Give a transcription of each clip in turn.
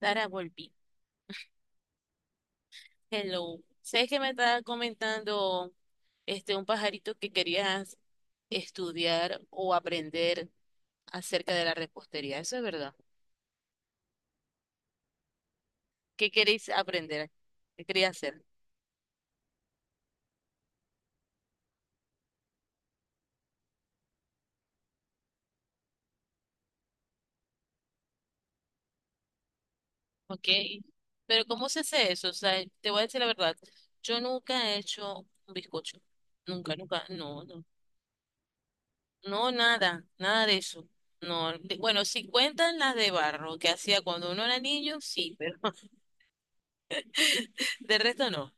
Dara, volví. Hello. ¿Sabes que me estaba comentando este un pajarito que querías estudiar o aprender acerca de la repostería? Eso es verdad. ¿Qué queréis aprender? ¿Qué quería hacer? Ok. Pero ¿cómo se hace eso? O sea, te voy a decir la verdad. Yo nunca he hecho un bizcocho. Nunca, nunca. No, no. No, nada. Nada de eso. Bueno, si cuentan las de barro que hacía cuando uno era niño, sí, pero de resto no.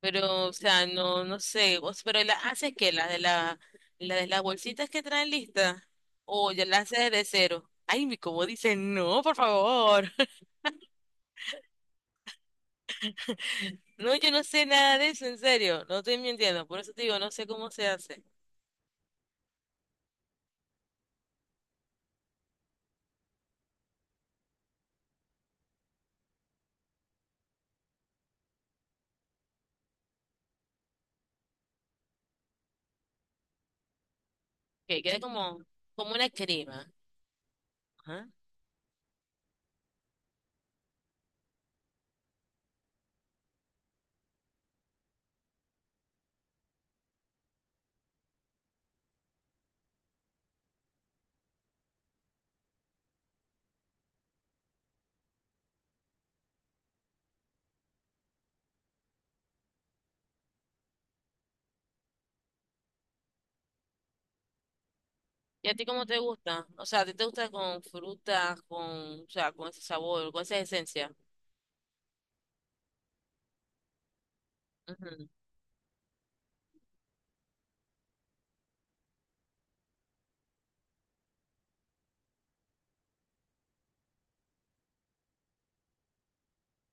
Pero, o sea, no, no sé, pero las haces que las de la de las bolsitas que traen listas, o ya las haces de cero. Ay, mi como dicen no, por favor. No, yo no sé nada de eso, en serio, no estoy mintiendo, por eso te digo, no sé cómo se hace. Que quede como, como una crema. Ajá. ¿Y a ti cómo te gusta? O sea, ¿a ti te gusta con frutas, con, o sea, con ese sabor, con esa esencia?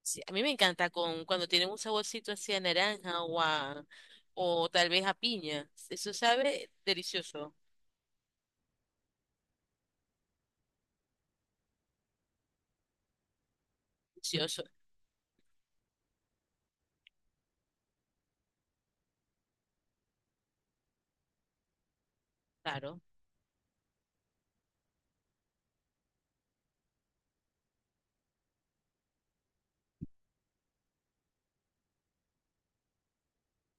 Sí, a mí me encanta con cuando tienen un saborcito así a naranja o a, o tal vez a piña. Eso sabe delicioso, delicioso, claro.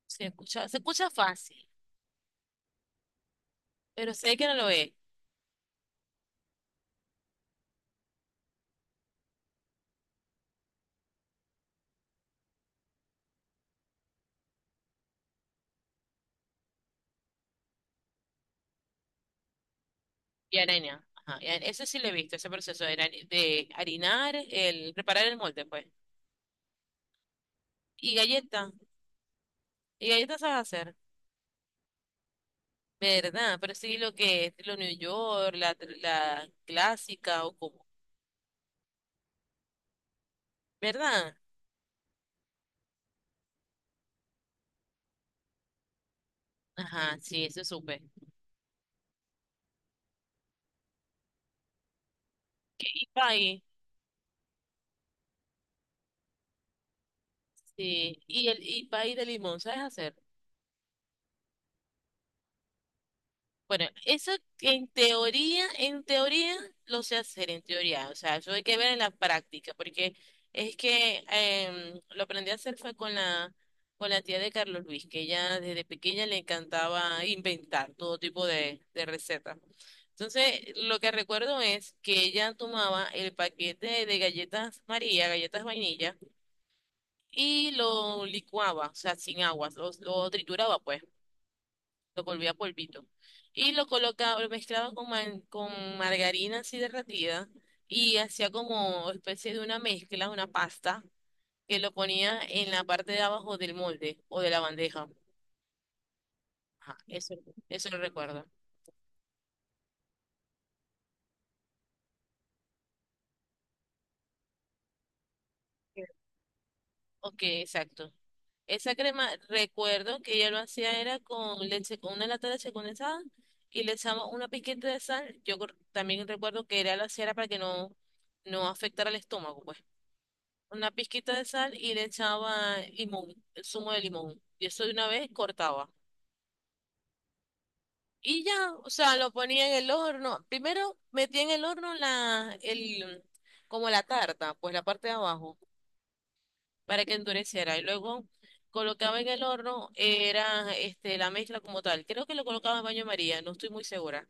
Se escucha fácil, pero sé que no lo es. Y harina, ajá, eso sí lo he visto, ese proceso de, de harinar, el preparar el molde, pues. Y galleta, y galletas sabes hacer, ¿verdad? Pero sí lo que es lo New York, la clásica o como, ¿verdad? Ajá, sí, eso supe. Y pie. Sí, y pay de limón, ¿sabes hacer? Bueno, eso en teoría lo sé hacer, en teoría. O sea, eso hay que ver en la práctica, porque es que lo aprendí a hacer fue con la tía de Carlos Luis, que ella desde pequeña le encantaba inventar todo tipo de recetas. Entonces, lo que recuerdo es que ella tomaba el paquete de galletas María, galletas vainilla, y lo licuaba, o sea, sin agua, lo trituraba, pues. Lo volvía polvito. Y lo colocaba, lo mezclaba con, con margarina así derretida y hacía como especie de una mezcla, una pasta, que lo ponía en la parte de abajo del molde o de la bandeja. Ajá, eso lo recuerdo. Ok, exacto. Esa crema, recuerdo que ella lo hacía era con leche, con una lata de leche condensada y le echaba una pizquita de sal. También recuerdo que era lo hacía era para que no, no afectara el estómago, pues. Una pizquita de sal y le echaba limón, el zumo de limón. Y eso de una vez cortaba. Y ya, o sea, lo ponía en el horno. Primero metía en el horno la, el, como la tarta, pues la parte de abajo, para que endureciera. Y luego colocaba en el horno, era este, la mezcla como tal. Creo que lo colocaba en baño María, no estoy muy segura.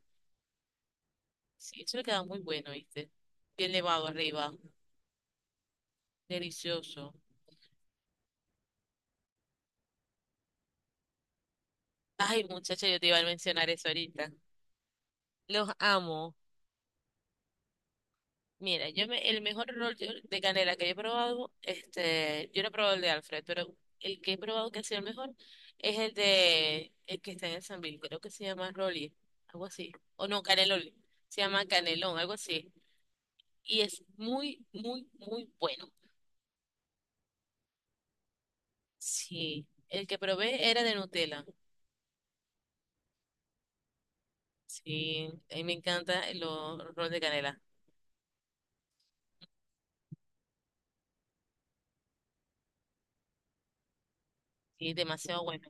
Sí, eso le queda muy bueno, ¿viste? Bien nevado arriba, delicioso. Ay, muchacha, yo te iba a mencionar eso ahorita. Los amo. Mira, el mejor rol de canela que he probado, este, yo no he probado el de Alfred, pero el que he probado que ha sido el mejor es el de el que está en el Sambil, creo que se llama Rolly, algo así. O no, Caneloli, se llama Canelón, algo así. Y es muy, muy, muy bueno. Sí, el que probé era de Nutella. Sí, a mí me encanta los rol de canela. Sí, demasiado bueno.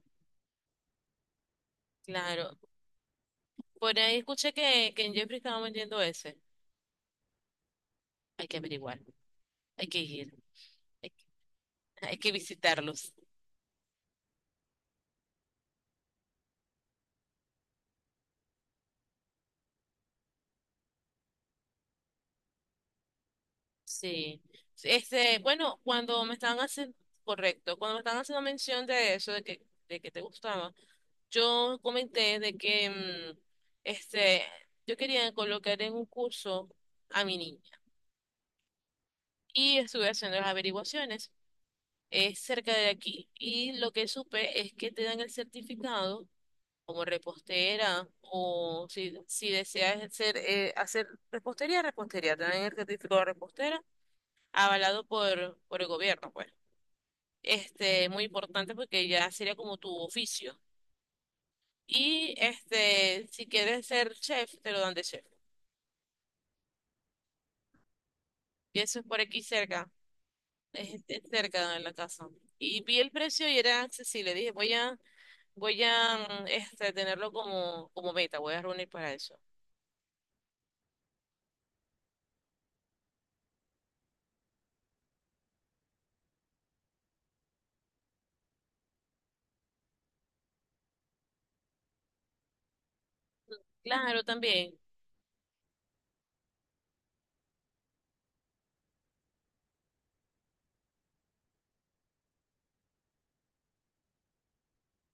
Claro. Por ahí escuché que en Jeffrey estaba vendiendo ese. Hay que averiguar, hay que ir. Hay que visitarlos. Sí. Este, bueno, cuando me estaban haciendo, Correcto, cuando me estaban haciendo mención de eso, de que te gustaba, yo comenté de que, este, yo quería colocar en un curso a mi niña y estuve haciendo las averiguaciones. Es cerca de aquí y lo que supe es que te dan el certificado como repostera o si, si deseas hacer, hacer repostería, repostería, te dan el certificado de repostera avalado por el gobierno, pues. Este, muy importante porque ya sería como tu oficio. Y este, si quieres ser chef, te lo dan de chef. Y eso es por aquí cerca, es cerca de la casa. Y vi el precio y era accesible. Dije, voy a, voy a tenerlo como, como meta, voy a reunir para eso. Claro, también,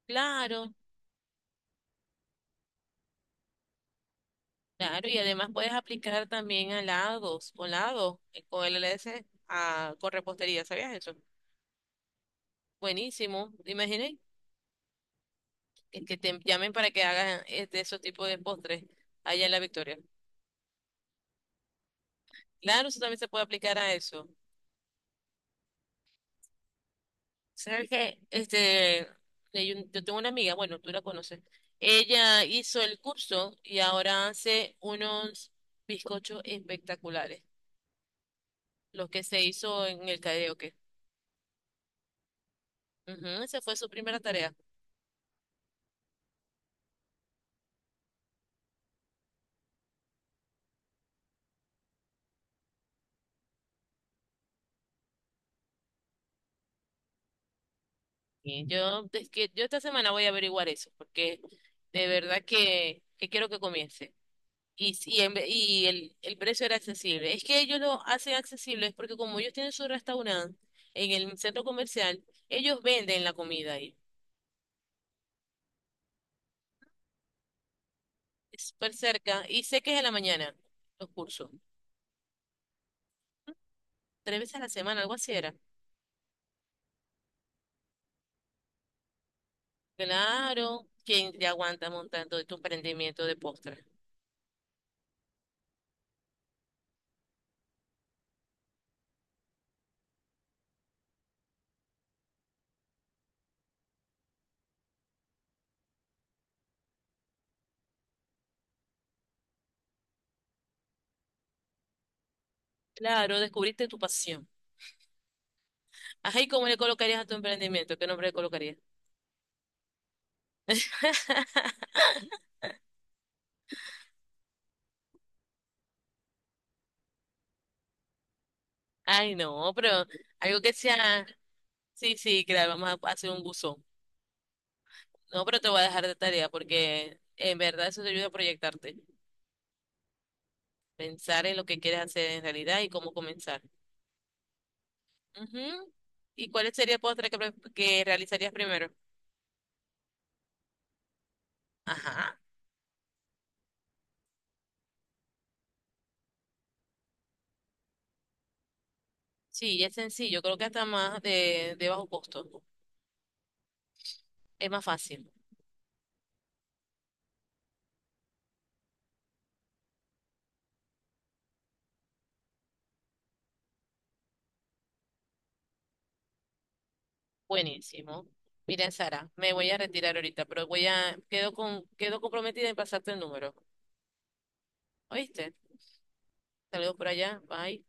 claro, claro. Y además puedes aplicar también a lados, con el LSA, con repostería, ¿sabías eso? Buenísimo, ¿te imaginas? El que te llamen para que hagas este, esos tipos de postres allá en La Victoria. Claro, eso también se puede aplicar a eso. ¿Sabes qué? Este, yo tengo una amiga, bueno, tú la conoces. Ella hizo el curso y ahora hace unos bizcochos espectaculares, los que se hizo en el karaoke. Ujú, esa fue su primera tarea. Sí. Yo, es que yo esta semana voy a averiguar eso, porque de verdad que quiero que comience. Y, y el precio era accesible. Es que ellos lo hacen accesible es porque como ellos tienen su restaurante en el centro comercial, ellos venden la comida ahí. Es súper cerca y sé que es en la mañana los cursos. 3 veces a la semana, algo así era. Claro, ¿quién te aguanta montando tu emprendimiento de postres? Claro, descubriste tu pasión. Ajá, ¿y cómo le colocarías a tu emprendimiento? ¿Qué nombre le colocarías? Ay, no, pero algo que sea. Sí, sí, claro, vamos a hacer un buzón. No, pero te voy a dejar de tarea porque en verdad eso te ayuda a proyectarte. Pensar en lo que quieres hacer en realidad y cómo comenzar. Ujú. ¿Y cuál sería el postre que realizarías primero? Ajá. Sí, es sencillo, creo que hasta más de bajo costo. Es más fácil. Buenísimo. Mira, Sara, me voy a retirar ahorita, pero voy a, quedo con, quedo comprometida en pasarte el número. ¿Oíste? Saludos por allá. Bye.